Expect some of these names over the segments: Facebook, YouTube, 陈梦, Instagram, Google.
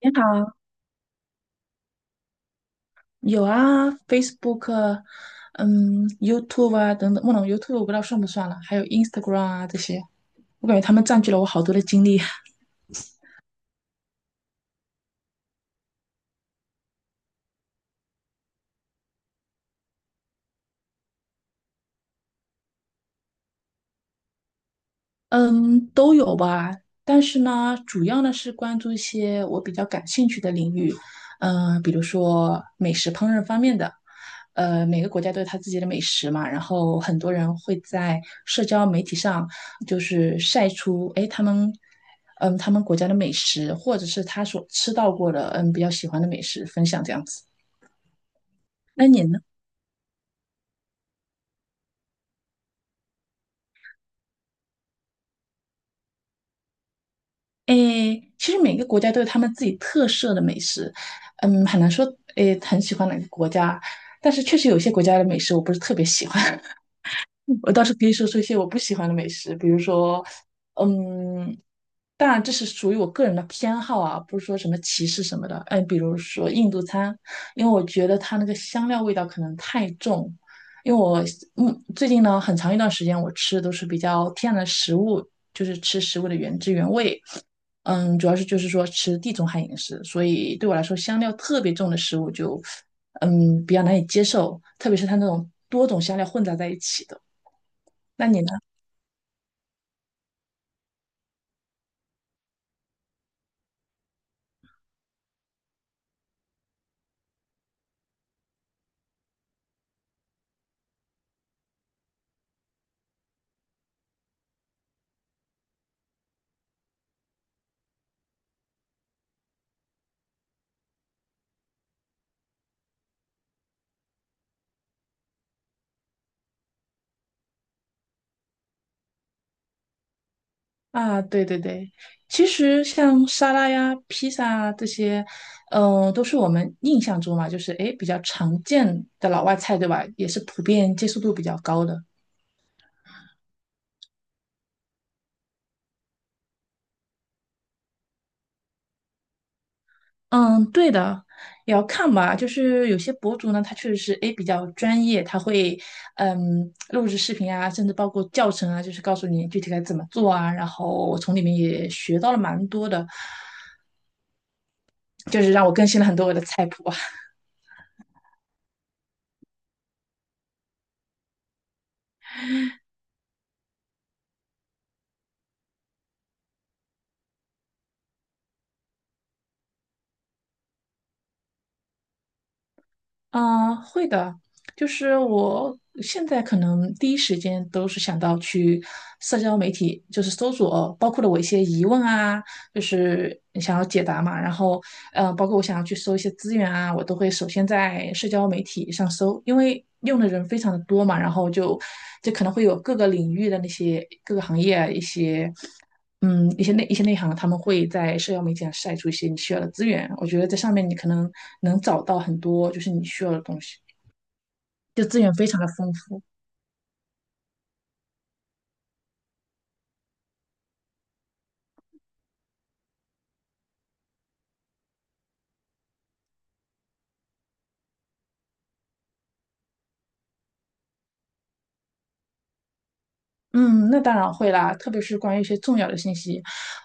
你好，有啊，Facebook，YouTube 啊等等，不能 YouTube 我不知道算不算了，还有 Instagram 啊这些，我感觉他们占据了我好多的精力。嗯，都有吧，但是呢，主要呢是关注一些我比较感兴趣的领域，比如说美食烹饪方面的，每个国家都有它自己的美食嘛，然后很多人会在社交媒体上就是晒出，他们国家的美食，或者是他所吃到过的，比较喜欢的美食分享这样子。那你呢？其实每个国家都有他们自己特色的美食，很难说很喜欢哪个国家，但是确实有些国家的美食我不是特别喜欢。我倒是可以说说一些我不喜欢的美食，比如说，嗯，当然这是属于我个人的偏好啊，不是说什么歧视什么的。嗯，比如说印度餐，因为我觉得它那个香料味道可能太重。因为我最近呢很长一段时间我吃的都是比较天然的食物，就是吃食物的原汁原味。主要是就是说吃地中海饮食，所以对我来说香料特别重的食物就比较难以接受，特别是它那种多种香料混杂在一起的。那你呢？啊，对对对，其实像沙拉呀、披萨啊这些，都是我们印象中嘛，就是比较常见的老外菜，对吧？也是普遍接受度比较高的。嗯，对的，也要看吧。就是有些博主呢，他确实是比较专业，他会录制视频啊，甚至包括教程啊，就是告诉你具体该怎么做啊。然后我从里面也学到了蛮多的，就是让我更新了很多我的菜谱啊。嗯，会的，就是我现在可能第一时间都是想到去社交媒体，就是搜索，包括了我一些疑问啊，就是想要解答嘛，然后包括我想要去搜一些资源啊，我都会首先在社交媒体上搜，因为用的人非常的多嘛，然后就可能会有各个领域的那些各个行业啊一些内行，他们会在社交媒体上晒出一些你需要的资源。我觉得在上面你可能能找到很多就是你需要的东西，就资源非常的丰富。嗯，那当然会啦，特别是关于一些重要的信息，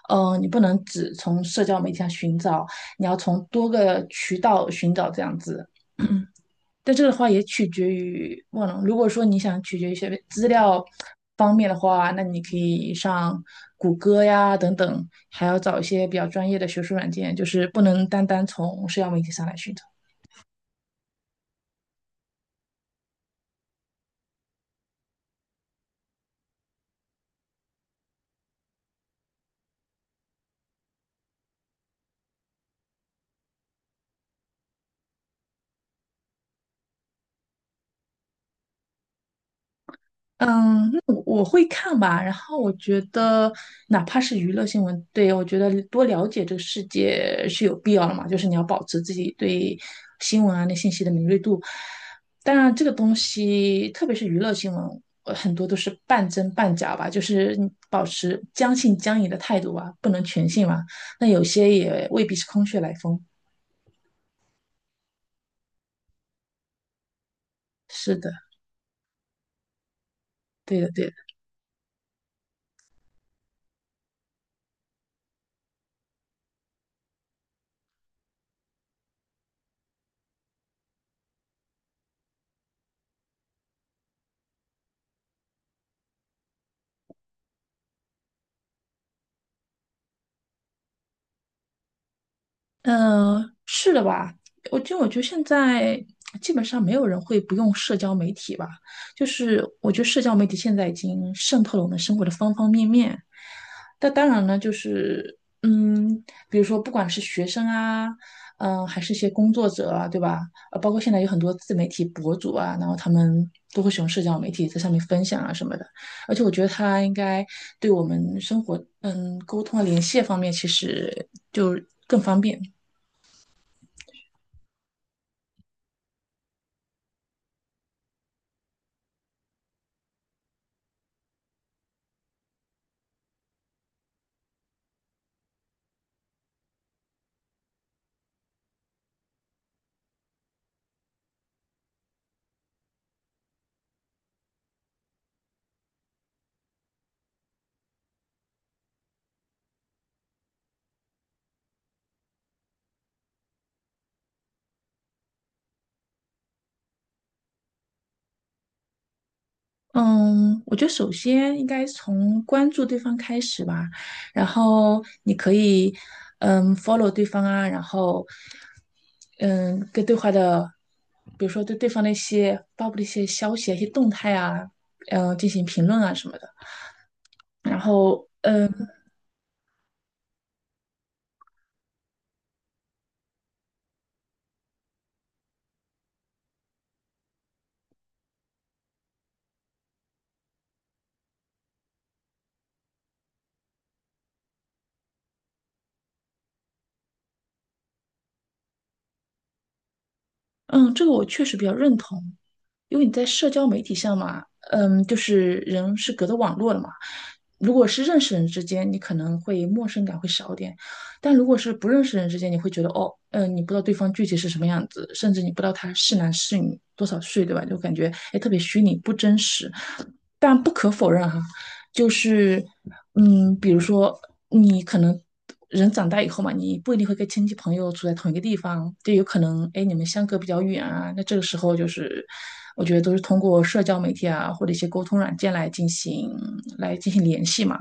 你不能只从社交媒体上寻找，你要从多个渠道寻找这样子。但这个的话也取决于忘了，如果说你想取决于一些资料方面的话，那你可以上谷歌呀等等，还要找一些比较专业的学术软件，就是不能单单从社交媒体上来寻找。嗯，那我会看吧。然后我觉得，哪怕是娱乐新闻，对，我觉得多了解这个世界是有必要的嘛。就是你要保持自己对新闻啊那信息的敏锐度。当然，这个东西，特别是娱乐新闻，很多都是半真半假吧，就是你保持将信将疑的态度吧，不能全信嘛。那有些也未必是空穴来风。是的，对的，对的。嗯，是的吧？我觉得现在基本上没有人会不用社交媒体吧。就是我觉得社交媒体现在已经渗透了我们生活的方方面面。但当然呢，就是比如说不管是学生啊，还是一些工作者啊，对吧？包括现在有很多自媒体博主啊，然后他们都会使用社交媒体在上面分享啊什么的。而且我觉得它应该对我们生活，沟通啊、联系方面，其实就更方便。嗯，我觉得首先应该从关注对方开始吧，然后你可以follow 对方啊，然后嗯跟对话的，比如说对对方的一些发布的一些消息啊、一些动态啊，进行评论啊什么的，然后。嗯。嗯，这个我确实比较认同，因为你在社交媒体上嘛，就是人是隔着网络的嘛。如果是认识人之间，你可能会陌生感会少一点，但如果是不认识人之间，你会觉得你不知道对方具体是什么样子，甚至你不知道他是男是女，多少岁，对吧？就感觉特别虚拟，不真实。但不可否认哈，就是比如说你可能人长大以后嘛，你不一定会跟亲戚朋友住在同一个地方，就有可能你们相隔比较远啊，那这个时候就是我觉得都是通过社交媒体啊或者一些沟通软件来进行联系嘛。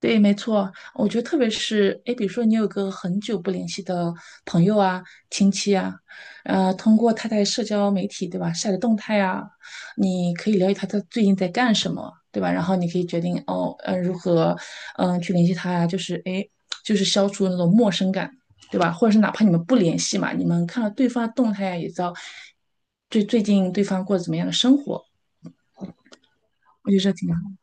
对，没错，我觉得特别是，比如说你有个很久不联系的朋友啊、亲戚啊，通过他在社交媒体，对吧，晒的动态啊，你可以了解他最近在干什么，对吧？然后你可以决定如何，去联系他呀、就是就是消除那种陌生感，对吧？或者是哪怕你们不联系嘛，你们看到对方的动态啊，也知道最近对方过得怎么样的生活，我觉得这挺。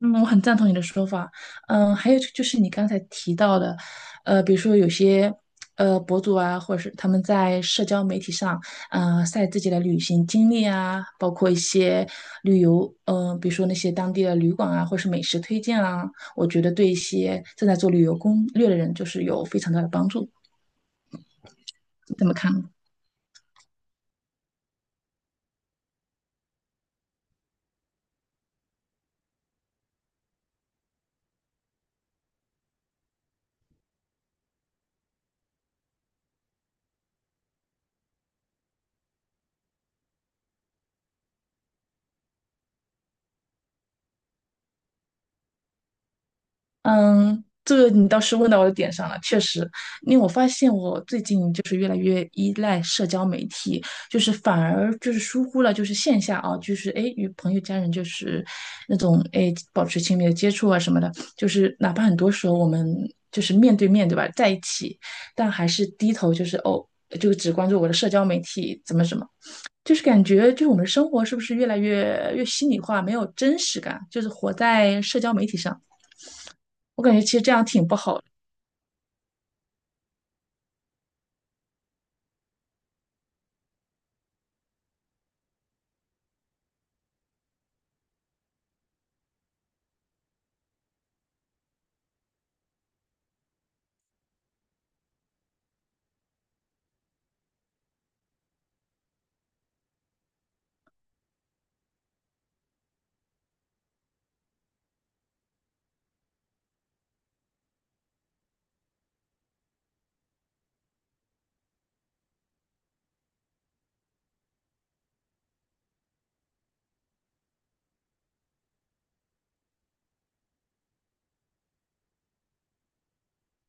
嗯，我很赞同你的说法。还有就是你刚才提到的，比如说有些博主啊，或者是他们在社交媒体上，晒自己的旅行经历啊，包括一些旅游，比如说那些当地的旅馆啊，或是美食推荐啊，我觉得对一些正在做旅游攻略的人，就是有非常大的帮助。你怎么看呢？嗯，这个你倒是问到我的点上了，确实，因为我发现我最近就是越来越依赖社交媒体，就是反而就是疏忽了就是线下啊，就是与朋友家人就是那种保持亲密的接触啊什么的，就是哪怕很多时候我们就是面对面对吧，在一起，但还是低头就是就只关注我的社交媒体怎么怎么。就是感觉，就是我们的生活是不是越来越心里话没有真实感，就是活在社交媒体上。我感觉其实这样挺不好的。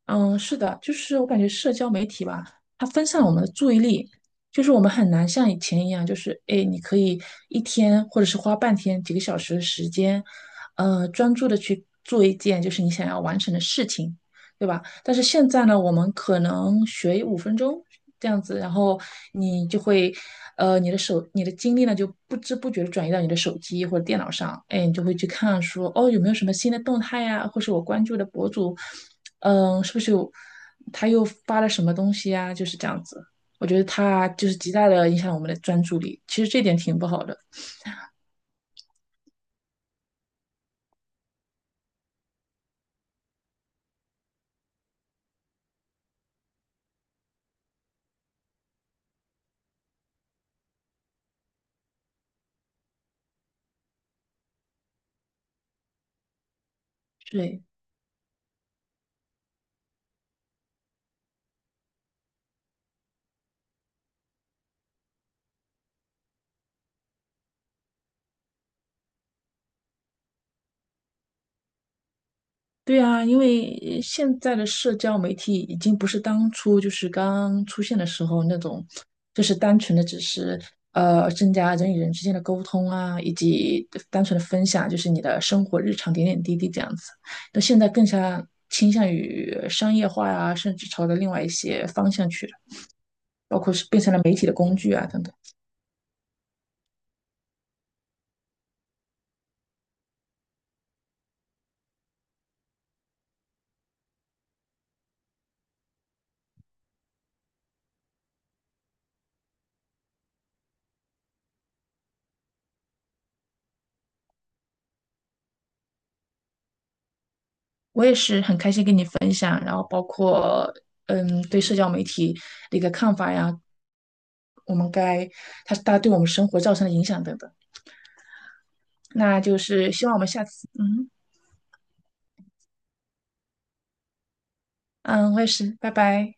嗯，是的，就是我感觉社交媒体吧，它分散了我们的注意力，就是我们很难像以前一样，就是你可以一天或者是花半天、几个小时的时间，专注的去做一件就是你想要完成的事情。对吧？但是现在呢，我们可能学5分钟这样子，然后你就会，你的精力呢就不知不觉的转移到你的手机或者电脑上，你就会去看说，哦，有没有什么新的动态呀、或是我关注的博主，是不是有他又发了什么东西呀、就是这样子，我觉得他就是极大的影响我们的专注力，其实这点挺不好的。对，对啊，因为现在的社交媒体已经不是当初就是刚出现的时候那种，就是单纯的只是增加人与人之间的沟通啊，以及单纯的分享，就是你的生活日常点点滴滴这样子。那现在更加倾向于商业化啊，甚至朝着另外一些方向去了，包括是变成了媒体的工具啊等等。我也是很开心跟你分享，然后包括对社交媒体的一个看法呀，我们该它它对我们生活造成的影响等等。那就是希望我们下次，嗯嗯，我也是，拜拜。